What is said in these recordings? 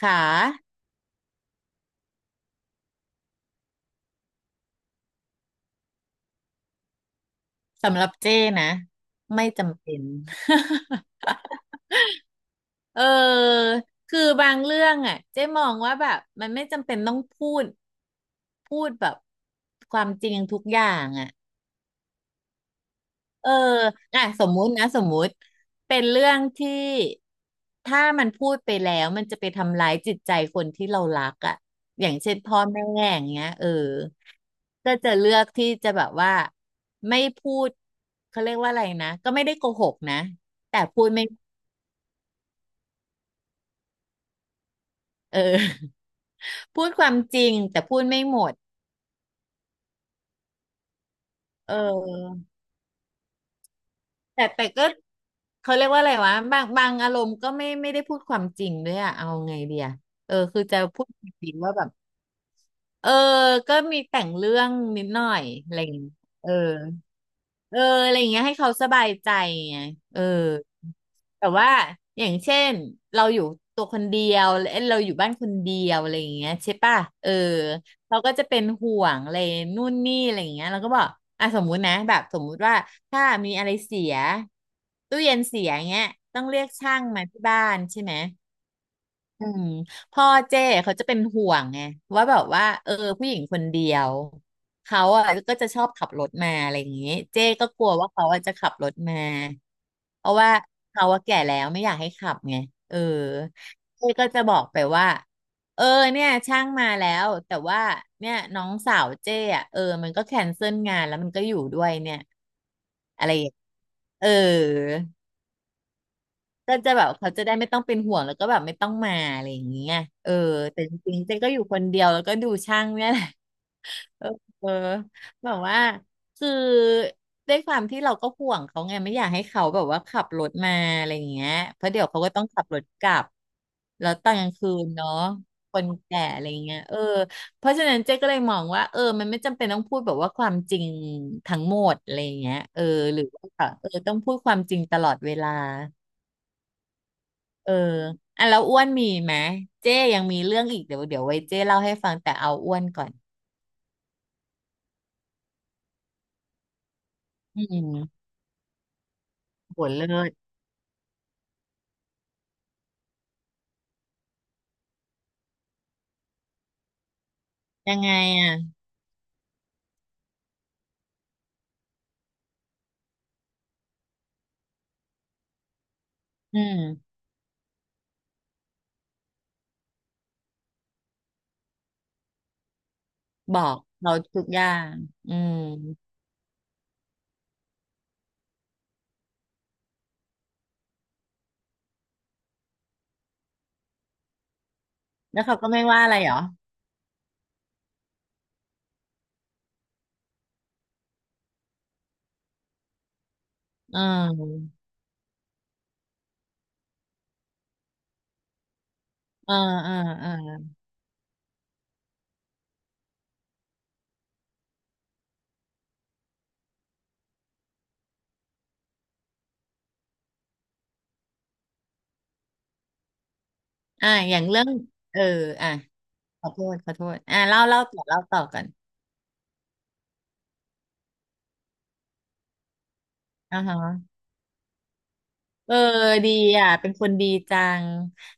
ค่ะสำหรับเจ้นะไม่จำเป็น เออคือบางเรื่องอ่ะเจ้มองว่าแบบมันไม่จำเป็นต้องพูดพูดแบบความจริงทุกอย่างอ่ะ เอออ่ะสมมุตินะสมมุติเป็นเรื่องที่ถ้ามันพูดไปแล้วมันจะไปทำร้ายจิตใจคนที่เรารักอ่ะอย่างเช่นพ่อแม่อย่างเงี้ยเออก็จะเลือกที่จะแบบว่าไม่พูดเขาเรียกว่าอะไรนะก็ไม่ได้โกหกนะแต่พูดไม่เออ พูดความจริงแต่พูดไม่หมดเออแต่ก็เขาเรียกว่าอะไรวะบางอารมณ์ก็ไม่ได้พูดความจริงด้วยอะเอาไงเดียเออคือจะพูดจริงๆว่าแบบ เออก็มีแต่งเรื่องนิดหน่อยอะไรอย่างเงี้ยเออเอออะไรอย่างเงี้ยให้เขาสบายใจไงเออแต่ว่าอย่างเช่นเราอยู่ตัวคนเดียวเอ้ยเราอยู่บ้านคนเดียวอะไรอย่างเงี้ยใช่ป่ะเออเราก็จะเป็นห่วงอะไรนู่นนี่อะไรอย่างเงี้ยเราก็บอกอ่ะสมมุตินะแบบสมมุติว่าถ้ามีอะไรเสียตู้เย็นเสียเงี้ยต้องเรียกช่างมาที่บ้านใช่ไหม อืมพ่อเจ้เขาจะเป็นห่วงไงว่าแบบว่าเออผู้หญิงคนเดียวเขาอ่ะก็จะชอบขับรถมาอะไรอย่างงี้เจ้ก็กลัวว่าเขาอ่ะจะขับรถมาเพราะว่าเขาอ่ะแก่แล้วไม่อยากให้ขับไงเออเจ้ก็จะบอกไปว่าเออเนี่ยช่างมาแล้วแต่ว่าเนี่ยน้องสาวเจ้อ่ะเออมันก็แคนเซิลงานแล้วมันก็อยู่ด้วยเนี่ยอะไรอย่างเออ ก็จะแบบเขาจะได้ไม่ต้องเป็นห่วงแล้วก็แบบไม่ต้องมาอะไรอย่างเงี้ยเออแต่จริงๆเจ๊ก็อยู่คนเดียวแล้วก็ดูช่างเนี่ยแหละ เออเออแบบว่าคือด้วยความที่เราก็ห่วงเขาไงไม่อยากให้เขาแบบว่าขับรถมาอะไรอย่างเงี้ยเพราะเดี๋ยวเขาก็ต้องขับรถกลับแล้วตอนกลางคืนเนาะคนแก่อะไรอย่างเงี้ยเออเพราะฉะนั้นเจ๊ก็เลยมองว่าเออมันไม่จำเป็นต้องพูดแบบว่าความจริงทั้งหมดอะไรอย่างเงี้ยเออหรือว่าเออต้องพูดความจริงตลอดเวลา เอออ่ะแล้วอ้วนมีไหมเจ้ยังมีเรื่องอีกเดี๋ยวไว้เจ้เล่าให้ฟังแต่เอาอ้วนก่อนอืมโหเลิศยังไงอ่ะอืมบอกเราทุกอย่างอืมแล้วเขาก็ไม่ว่าอะไรเหรอเออเออเออเอออ่ะอย่างเรื่องเอออ่ะขอโทษขอโทษอ่ะเล่าต่อเล่าต่อกันอ่าฮะเออดีอ่ะเป็นคนดีจัง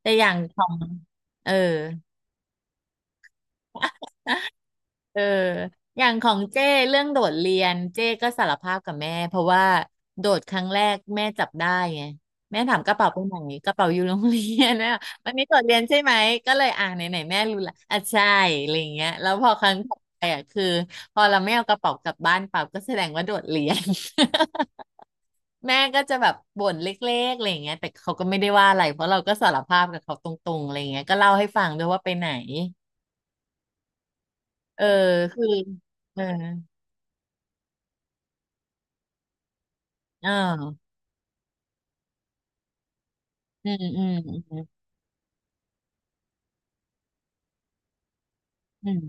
แต่อย่างของเออ เอออย่างของเจ้เรื่องโดดเรียนเจ้ก็สารภาพกับแม่เพราะว่าโดดครั้งแรกแม่จับได้ไงแม่ถามกระเป๋าไปไหนกระเป๋าอยู่โรงเรียน นะวันนี้โดดเรียนใช่ไหมก็เลยอ่าไหนไหนแม่รู้ละอ่ะใช่อะไรอย่างเงี้ยแล้วพอครั้งต่อไปอ่ะคือพอเราไม่เอากระเป๋ากลับบ้านเปล่าก็แสดงว่าโดดเรียน แม่ก็จะแบบบ่นเล็กๆอะไรอย่างเงี้ยแต่เขาก็ไม่ได้ว่าอะไรเพราะเราก็สารภาพกับเขาตรงๆอะไรอย่างเงี้ยก็เล่าให้ฟังด้วยว่าไปไหนเออคือเอออ่า อืมอืมอืม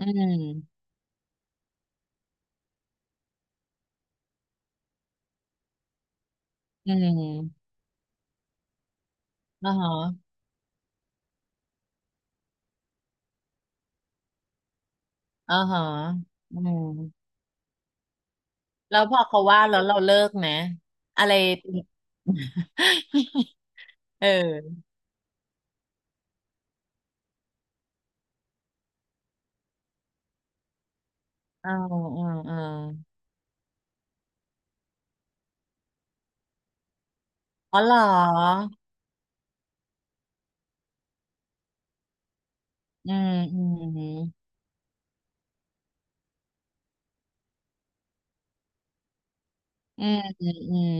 อืมอืมอ่าฮะอ่าฮะอืมแล้วพอเขาว่าแล้วเราเลิกไหมอะไรเอออ่าอ่าอ่าอ๋อเหรออืมอืมอืมอืม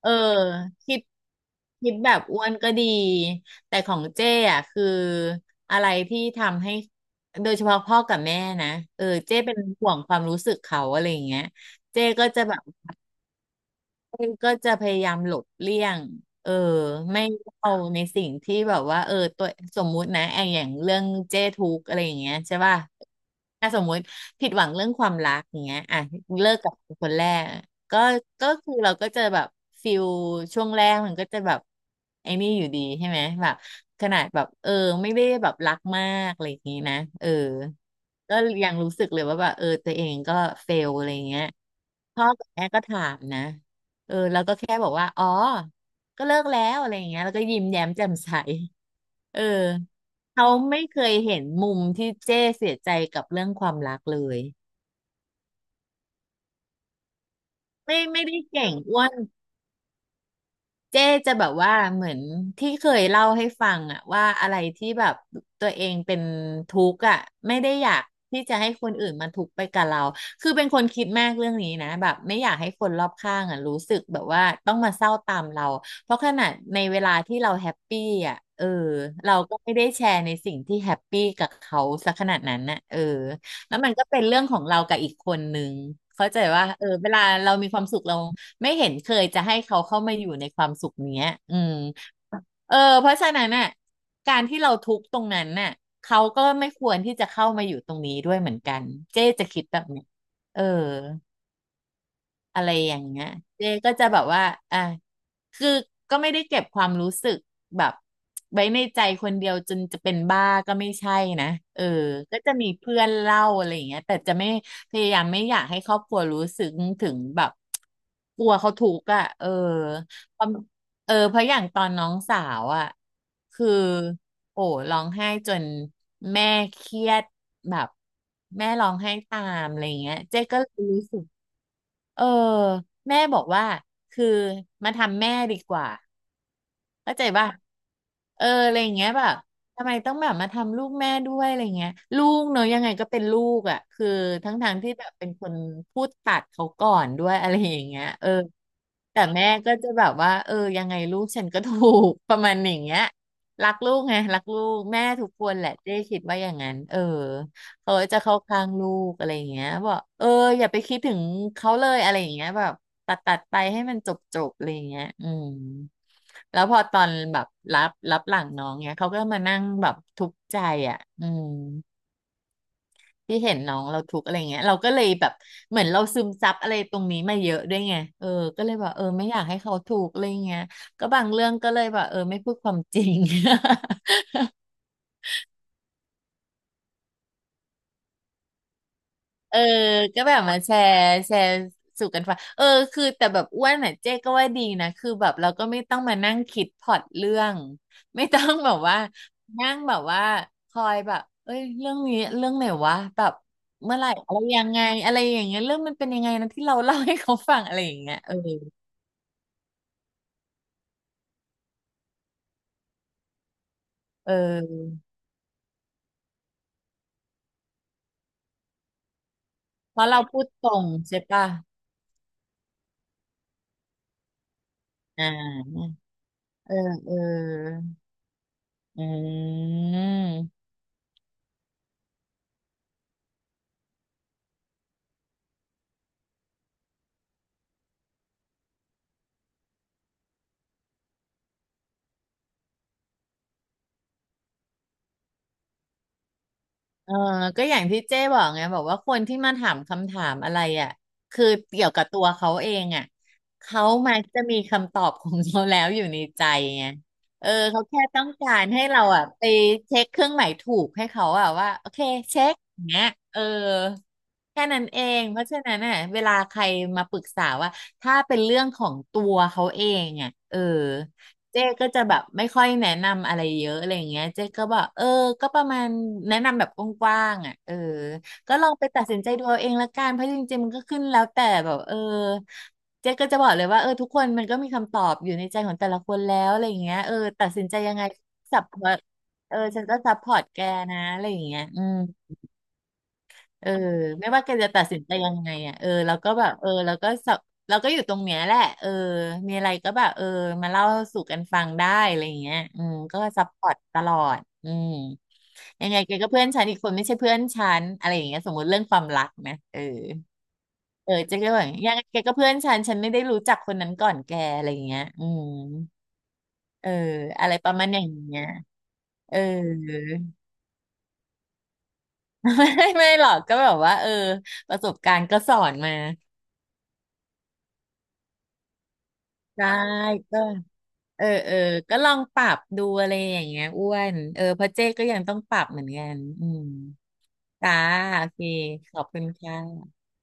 เออคิดคิดแบบอ้วนก็ดีแต่ของเจ้อ่ะคืออะไรที่ทำให้โดยเฉพาะพ่อกับแม่นะเออเจ้เป็นห่วงความรู้สึกเขาอะไรอย่างเงี้ยเจ้ก็จะแบบ อ้ยก็จะพยายามหลบเลี่ยงเออไม่เอาในสิ่งที่แบบว่าเออตัวสมมุตินะไออย่างเรื่องเจ้ทุกข์อะไรอย่างเงี้ยใช่ป่ะถ้าสมมุติผิดหวังเรื่องความรักอย่างเงี้ยอ่ะเลิกกับคนแรกก็ก็คือเราก็จะแบบฟิลช่วงแรกมันก็จะแบบไอ้นี่อยู่ดีใช่ไหมแบบขนาดแบบเออไม่ได้แบบรักมากอะไรอย่างงี้นะเออก็ยังรู้สึกเลยว่าแบบเออตัวเองก็เฟลอะไรอย่างเงี้ย พ่อกับแม่ก็ถามนะเออแล้วก็แค่บอกว่าอ๋อ ก็เลิกแล้วอะไรอย่างเงี้ยแล้วก็ยิ้มแย้มแจ่มใส เออเขาไม่เคยเห็นมุมที่เจ้เสียใจกับเรื่องความรักเลย ไม่ได้เก่งอ้วน เจ๊จะแบบว่าเหมือนที่เคยเล่าให้ฟังอะว่าอะไรที่แบบตัวเองเป็นทุกข์อะไม่ได้อยากที่จะให้คนอื่นมาทุกข์ไปกับเราคือเป็นคนคิดมากเรื่องนี้นะแบบไม่อยากให้คนรอบข้างอะรู้สึกแบบว่าต้องมาเศร้าตามเราเพราะขนาดในเวลาที่เราแฮปปี้อะเออเราก็ไม่ได้แชร์ในสิ่งที่แฮปปี้กับเขาสักขนาดนั้นน่ะเออแล้วมันก็เป็นเรื่องของเรากับอีกคนนึงเข้าใจว่าเออเวลาเรามีความสุขเรา ไม่เห็นเคยจะให้เขาเข้ามาอยู่ในความสุขเนี้ยอืมเออเพราะฉะนั้นน่ะการที่เราทุกข์ตรงนั้นน่ะเขาก็ไม่ควรที่จะเข้ามาอยู่ตรงนี้ด้วยเหมือนกัน เจ๊จะคิดแบบนี้เออ อะไรอย่างเงี้ยเจ๊ก็จะแบบว่าอ่ะคือก็ไม่ได้เก็บความรู้สึกแบบไว้ในใจคนเดียวจนจะเป็นบ้าก็ไม่ใช่นะ เออก็จะมีเพื่อนเล่าอะไรอย่างเงี้ยแต่จะไม่พยายามไม่อยากให้ครอบครัวรู้สึกถึงแบบกลัวเขาทุกข์อ่ะเออเพราะเออเพราะอย่างตอนน้องสาวอ่ะคือโอ้ร้องไห้จนแม่เครียดแบบแม่ร้องไห้ตามอะไรอย่างเงี้ยเจ๊ก็เลยรู้สึก เออแม่บอกว่าคือมาทำแม่ดีกว่า เข้าใจป่ะเอออะไรอย่างเงี้ยแบบทำไมต้องแบบมาทำลูกแม่ด้วยอะไรเงี้ยลูกเนอะยังไงก็เป็นลูกอ่ะคือทั้งทางที่แบบเป็นคนพูดตัดเขาก่อนด้วยอะไรอย่างเงี้ยเออแต่แม่ก็จะแบบว่าเออยังไงลูกฉันก็ถูก ประมาณอย่างเงี้ยรักลูกไงรักลูกแม่ทุกคนแหละเจ๊คิดว่าอย่างนั้นเออเขาจะเข้าข้างลูกอะไรอย่างเงี้ยบอกเอออย่าไปคิดถึงเขาเลยอะไรอย่างเงี้ยแบบตัดไปให้มันจบอะไรอย่างเงี้ยอืม แล้วพอตอนแบบรับหลังน้องเนี้ยเขาก็มานั่งแบบทุกข์ใจอ่ะอืมที่เห็นน้องเราทุกข์อะไรเงี้ยเราก็เลยแบบเหมือนเราซึมซับอะไรตรงนี้มาเยอะด้วยไงเออก็เลยแบบเออไม่อยากให้เขาถูกข์อะไรเงี้ยก็บางเรื่องก็เลยแบบเออไม่พูดความจริง เออก็แบบมาแชร์สู่กันฟังเออคือแต่แบบอ้วนน่ะเจ๊ก็ว่าดีนะคือแบบเราก็ไม่ต้องมานั่งคิดพล็อตเรื่องไม่ต้องแบบว่านั่งแบบว่าคอยแบบเอ้ยเรื่องนี้เรื่องไหนวะแบบเมื่อไหร่อะไรยังไงอะไรอย่างเงี้ยเรื่องมันเป็นยังไงนะที่เราเล่าให้เขาฟังอะไรอย่างเงี้ยเออเออเพราะเราพูดตรงใช่ปะอ่าเออเอออืม เออก็อย่างที่เจ้บอกไงบอกว่าคนที่มาถามคำถามอะไรอ่ะคือเกี่ยวกับตัวเขาเองอ่ะเขามักจะมีคำตอบของเขาแล้วอยู่ในใจไงเออเขาแค่ต้องการให้เราอ่ะไปเช็คเครื่องหมายถูกให้เขาอ่ะว่าโอเคเช็คอย่างเงี้ยเออแค่นั้นเองเพราะฉะนั้นน่ะเวลาใครมาปรึกษาว่าถ้าเป็นเรื่องของตัวเขาเองอ่ะเออ เจ๊ก็จะแบบไม่ค่อยแนะนำอะไรเยอะอะไรอย่างเงี้ยเจ๊ก็บอกเออก็ประมาณแนะนำแบบกว้างๆอ่ะเออก็ลองไปตัดสินใจดูเอาเองละกันเพราะจริงๆมันก็ขึ้นแล้วแต่แบบเออเจ๊ก็จะบอกเลยว่าเออทุกคนมันก็มีคำตอบอยู่ในใจของแต่ละคนแล้วอะไรอย่างเงี้ยเออตัดสินใจยังไงสับเออฉันก็ซัพพอร์ตแกนะอะไรอย่างเงี้ยอืม เออไม่ว่าแกจะตัดสินใจยังไงอ่ะเออแล้วก็แบบเออแล้วก็สับเราก็อยู่ตรงเนี้ยแหละเออมีอะไรก็แบบเออมาเล่าสู่กันฟังได้อะไรอย่างเงี้ยอืมก็ซัพพอร์ตตลอดอืมยังไงแกก็เพื่อนฉันอีกคนไม่ใช่เพื่อนฉันอะไรอย่างเงี้ยสมมติเรื่องความรักนะเออเออเจ๊ก็แบบยังไงแกก็เพื่อนฉันฉันไม่ได้รู้จักคนนั้นก่อนแกอะไรอย่างเงี้ยอืมเอออะไรประมาณอย่างเงี้ยเออ ไม่ไม่หรอกก็แบบว่าเออประสบการณ์ก็สอนมา ได้ก็เออเออก็ลองปรับดูอะไรอย่างเงี้ยอ้วนเออเพราะเจ๊ก็ยังต้องปรับเหมือนกันอืมจ้าโอเคขอบคุณค่ะ